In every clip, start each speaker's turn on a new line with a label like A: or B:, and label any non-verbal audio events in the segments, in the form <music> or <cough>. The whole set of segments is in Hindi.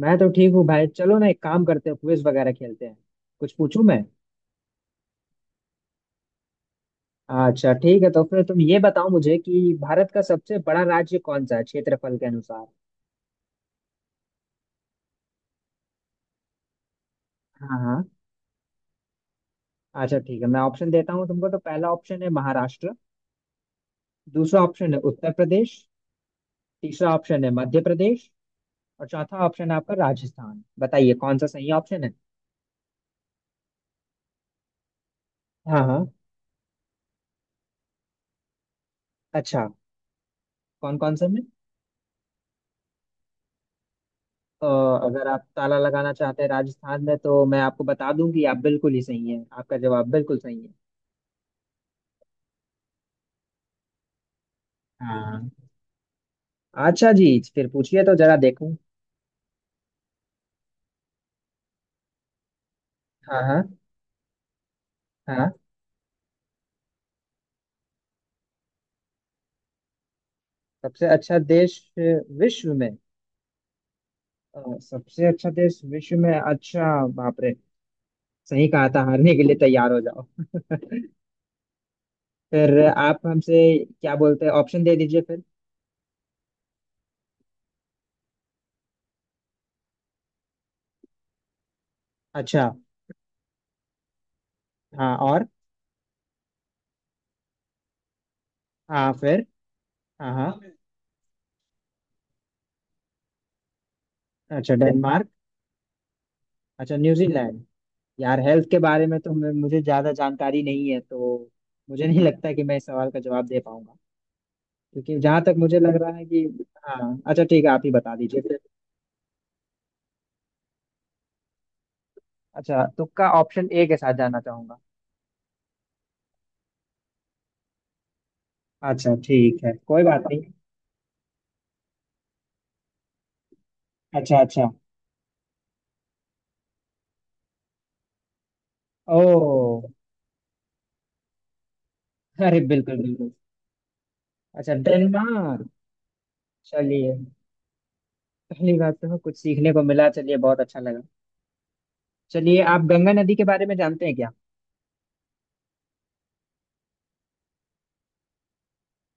A: मैं तो ठीक हूँ भाई। चलो ना, एक काम करते हैं, क्विज वगैरह खेलते हैं। कुछ पूछूं मैं? अच्छा ठीक है, तो फिर तुम ये बताओ मुझे कि भारत का सबसे बड़ा राज्य कौन सा है क्षेत्रफल के अनुसार? हाँ हाँ। अच्छा ठीक है, मैं ऑप्शन देता हूँ तुमको। तो पहला ऑप्शन है महाराष्ट्र। दूसरा ऑप्शन है उत्तर प्रदेश। तीसरा ऑप्शन है मध्य प्रदेश। और चौथा ऑप्शन है आपका राजस्थान। बताइए कौन सा सही ऑप्शन है? हाँ हाँ। अच्छा। कौन कौन से में? अ, अगर आप ताला लगाना चाहते हैं राजस्थान में, तो मैं आपको बता दूं कि आप बिल्कुल ही सही हैं, आपका जवाब बिल्कुल सही है। हाँ। अच्छा जी। फिर पूछिए तो जरा देखूं। हाँ हाँ। हाँ। सबसे अच्छा देश विश्व में? सबसे अच्छा देश विश्व में, अच्छा। बाप रे। सही कहा था, हारने के लिए तैयार हो जाओ। <laughs> फिर आप हमसे क्या बोलते हैं, ऑप्शन दे दीजिए फिर। अच्छा। हाँ और? हाँ, फिर? हाँ हाँ। अच्छा, डेनमार्क। अच्छा, न्यूजीलैंड। यार, हेल्थ के बारे में तो मुझे ज्यादा जानकारी नहीं है, तो मुझे नहीं लगता कि मैं इस सवाल का जवाब दे पाऊंगा, क्योंकि जहां तक मुझे लग रहा है कि। हाँ। अच्छा ठीक है, आप ही बता दीजिए फिर। अच्छा, तुक्का, ऑप्शन ए के साथ जाना चाहूंगा। अच्छा ठीक है, कोई बात नहीं। अच्छा अच्छा। ओ। अरे बिल्कुल बिल्कुल। अच्छा, डेनमार्क। चलिए। पहली बात तो कुछ सीखने को मिला, चलिए बहुत अच्छा लगा। चलिए, आप गंगा नदी के बारे में जानते हैं क्या?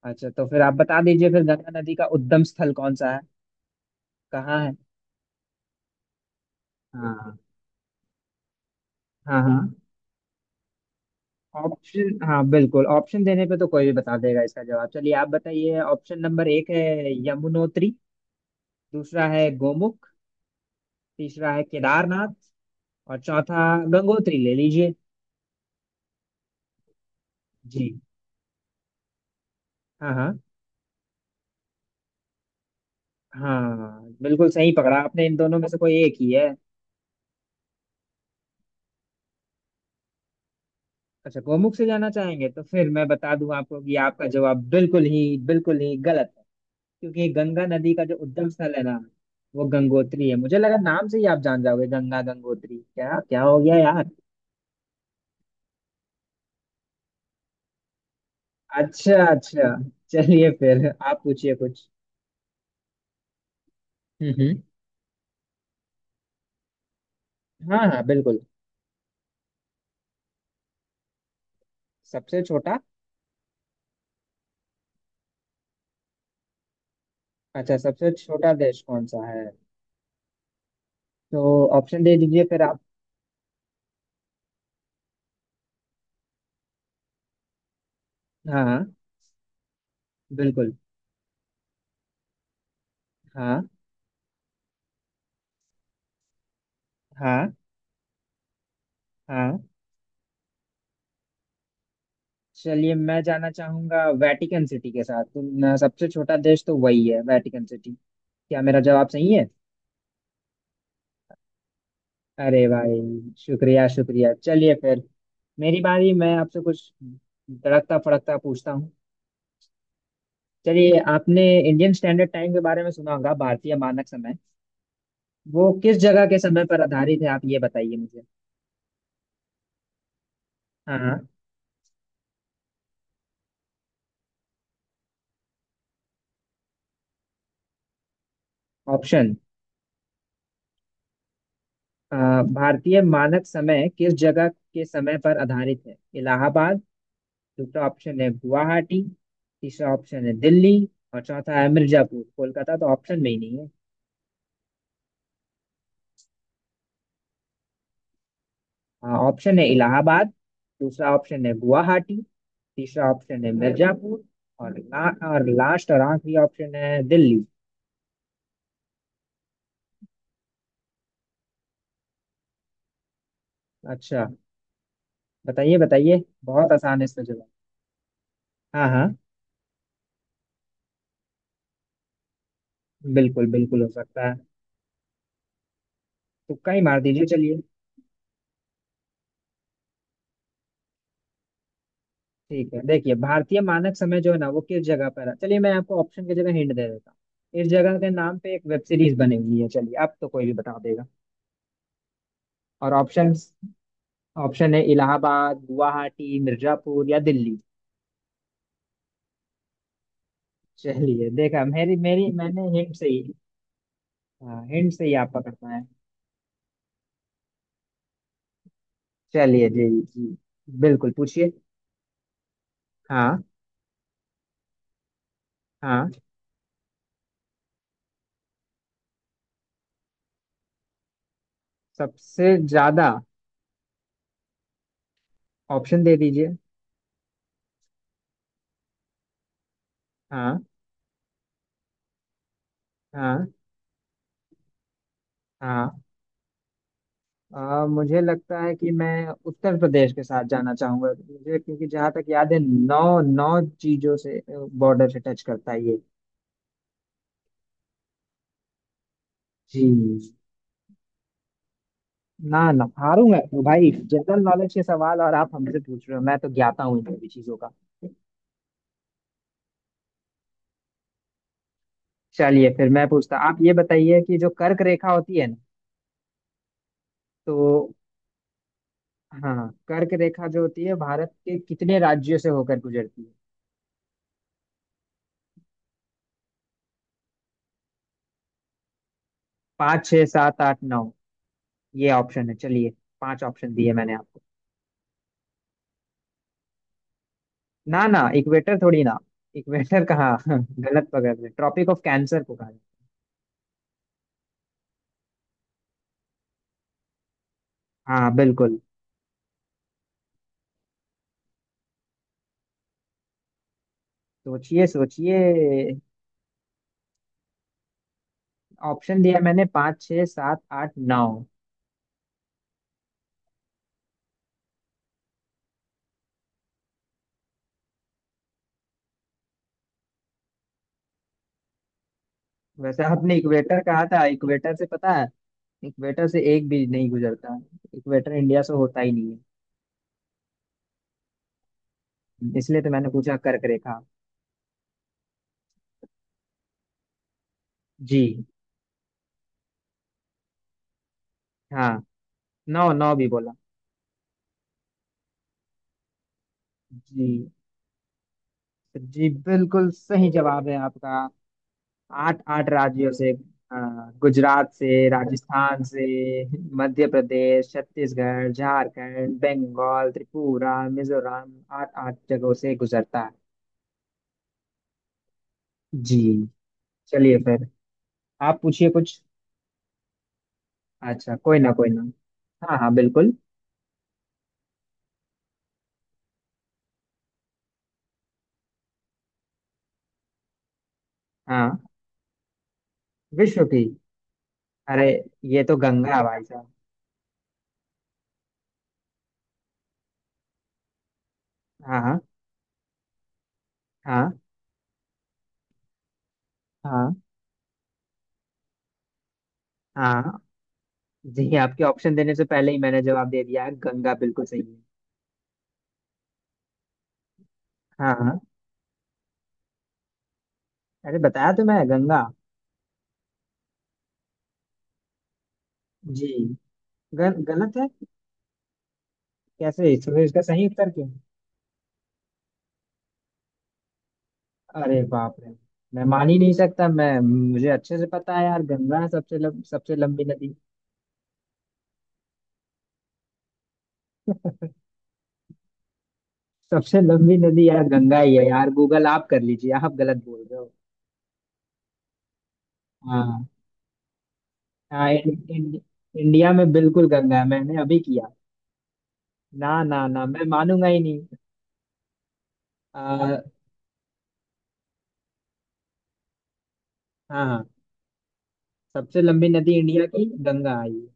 A: अच्छा तो फिर आप बता दीजिए फिर, गंगा नदी का उद्गम स्थल कौन सा है? कहाँ है? हाँ हाँ। हाँ। ऑप्शन? हाँ बिल्कुल, ऑप्शन देने पे तो कोई भी बता देगा इसका जवाब। चलिए आप बताइए, ऑप्शन नंबर एक है यमुनोत्री। दूसरा है गोमुख। तीसरा है केदारनाथ। और चौथा गंगोत्री, ले लीजिए। जी। हाँ हाँ। हाँ बिल्कुल सही पकड़ा आपने, इन दोनों में से कोई एक ही है। अच्छा, गोमुख से जाना चाहेंगे, तो फिर मैं बता दूं आपको कि आपका जवाब बिल्कुल ही गलत है। क्योंकि गंगा नदी का जो उद्गम स्थल है ना, वो गंगोत्री है। मुझे लगा नाम से ही आप जान जाओगे, गंगा गंगोत्री, क्या क्या हो गया यार। अच्छा अच्छा। चलिए फिर आप पूछिए कुछ। हम्म। हाँ हाँ बिल्कुल। सबसे छोटा? अच्छा, सबसे छोटा देश कौन सा है? तो ऑप्शन दे दीजिए फिर आप। हाँ हाँ बिल्कुल। हाँ। हाँ। हाँ। चलिए, मैं जाना चाहूंगा वेटिकन सिटी के साथ। तुम सबसे छोटा देश तो वही है, वेटिकन सिटी। क्या मेरा जवाब सही है? अरे भाई, शुक्रिया शुक्रिया। चलिए फिर, मेरी बारी। मैं आपसे कुछ तड़कता फड़कता पूछता हूँ। चलिए, आपने इंडियन स्टैंडर्ड टाइम के बारे में सुना होगा, भारतीय मानक समय। वो किस जगह के समय पर आधारित है, आप ये बताइए मुझे। हाँ हाँ। ऑप्शन। अ, भारतीय मानक समय किस जगह के समय पर आधारित है? इलाहाबाद। दूसरा ऑप्शन है गुवाहाटी। तीसरा ऑप्शन है दिल्ली। और चौथा है मिर्जापुर। कोलकाता तो ऑप्शन में ही नहीं है। हाँ, ऑप्शन है इलाहाबाद। दूसरा ऑप्शन है गुवाहाटी। तीसरा ऑप्शन है मिर्जापुर। और और लास्ट, और आखिरी ऑप्शन है दिल्ली। अच्छा। बताइए बताइए, बहुत आसान है इसका जवाब। हाँ हाँ। बिल्कुल बिल्कुल हो सकता है। तुक्का ही मार दीजिए, चलिए। ठीक है, देखिए, भारतीय मानक समय जो है ना वो किस जगह पर है। चलिए मैं आपको ऑप्शन की जगह हिंट दे देता हूँ। इस जगह के नाम पे एक वेब सीरीज बनी हुई है, चलिए अब तो कोई भी बता देगा। और ऑप्शन? ऑप्शन है इलाहाबाद, गुवाहाटी, मिर्जापुर या दिल्ली। चलिए, देखा, मेरी मेरी मैंने हिंट से ही। हाँ, हिंट से ही आप पकड़ पाए। चलिए जी जी। बिल्कुल पूछिए। हाँ हाँ। सबसे ज्यादा? ऑप्शन दे दीजिए। हाँ हाँ हाँ। आ, मुझे लगता है कि मैं उत्तर प्रदेश के साथ जाना चाहूंगा। मुझे, क्योंकि जहाँ तक याद है नौ नौ चीजों से, बॉर्डर से टच करता है ये। जी। ना ना, हारूंगा क्यों भाई? जनरल नॉलेज के सवाल और आप हमसे पूछ रहे हो, मैं तो ज्ञाता हूँ इन सभी चीजों का। चलिए फिर मैं पूछता, आप ये बताइए कि जो कर्क रेखा होती है ना, तो। हाँ, कर्क रेखा जो होती है, भारत के कितने राज्यों से होकर गुजरती है? पाँच, छः, सात, आठ, नौ, ये ऑप्शन है। चलिए, पांच ऑप्शन दिए मैंने आपको। ना ना, इक्वेटर थोड़ी ना, इक्वेटर कहाँ! <laughs> गलत पकड़ रहे, ट्रॉपिक ऑफ कैंसर को कहा जाता है। हाँ बिल्कुल। सोचिए सोचिए। ऑप्शन दिया मैंने, पाँच, छः, सात, आठ, नौ। वैसे आपने इक्वेटर कहा था, इक्वेटर से पता है इक्वेटर से एक भी नहीं गुजरता। इक्वेटर इंडिया से होता ही नहीं है, इसलिए तो मैंने पूछा कर्क रेखा। जी। हाँ। नौ नौ भी बोला। जी, जी बिल्कुल सही जवाब है आपका। आठ आठ राज्यों से। अ, गुजरात से, राजस्थान से, मध्य प्रदेश, छत्तीसगढ़, झारखंड, बंगाल, त्रिपुरा, मिजोरम, आठ आठ जगहों से गुजरता है। जी। चलिए फिर आप पूछिए कुछ। अच्छा, कोई ना कोई ना। हाँ हाँ बिल्कुल। हाँ। विश्व की? अरे ये तो गंगा है भाई साहब। हाँ हाँ। हाँ हाँ। हाँ जी, आपके ऑप्शन देने से पहले ही मैंने जवाब दे दिया है, गंगा बिल्कुल सही है। हाँ हाँ। अरे बताया तो, मैं, गंगा। जी। गलत है? कैसे? इसमें इसका सही उत्तर क्या है? अरे बाप रे, मैं मान ही नहीं सकता। मैं मुझे अच्छे से पता है यार, गंगा है सबसे सबसे लंबी नदी। सबसे लंबी नदी यार गंगा ही है यार, गूगल आप कर लीजिए, आप गलत बोल रहे हो। हाँ। हाँ इं, इं, इंडिया में बिल्कुल गंगा है, मैंने अभी किया। ना ना ना, मैं मानूंगा ही नहीं। आ, हाँ हाँ, सबसे लंबी नदी इंडिया की गंगा आई है।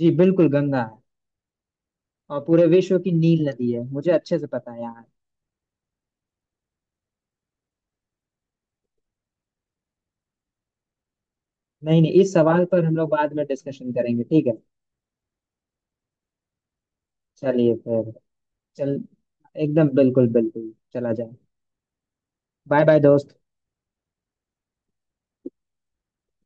A: जी बिल्कुल गंगा है, और पूरे विश्व की नील नदी है, मुझे अच्छे से पता है यार। नहीं नहीं, इस सवाल पर हम लोग बाद में डिस्कशन करेंगे, ठीक है। चलिए फिर। चल। एकदम बिल्कुल बिल्कुल, चला जाए। बाय बाय दोस्त।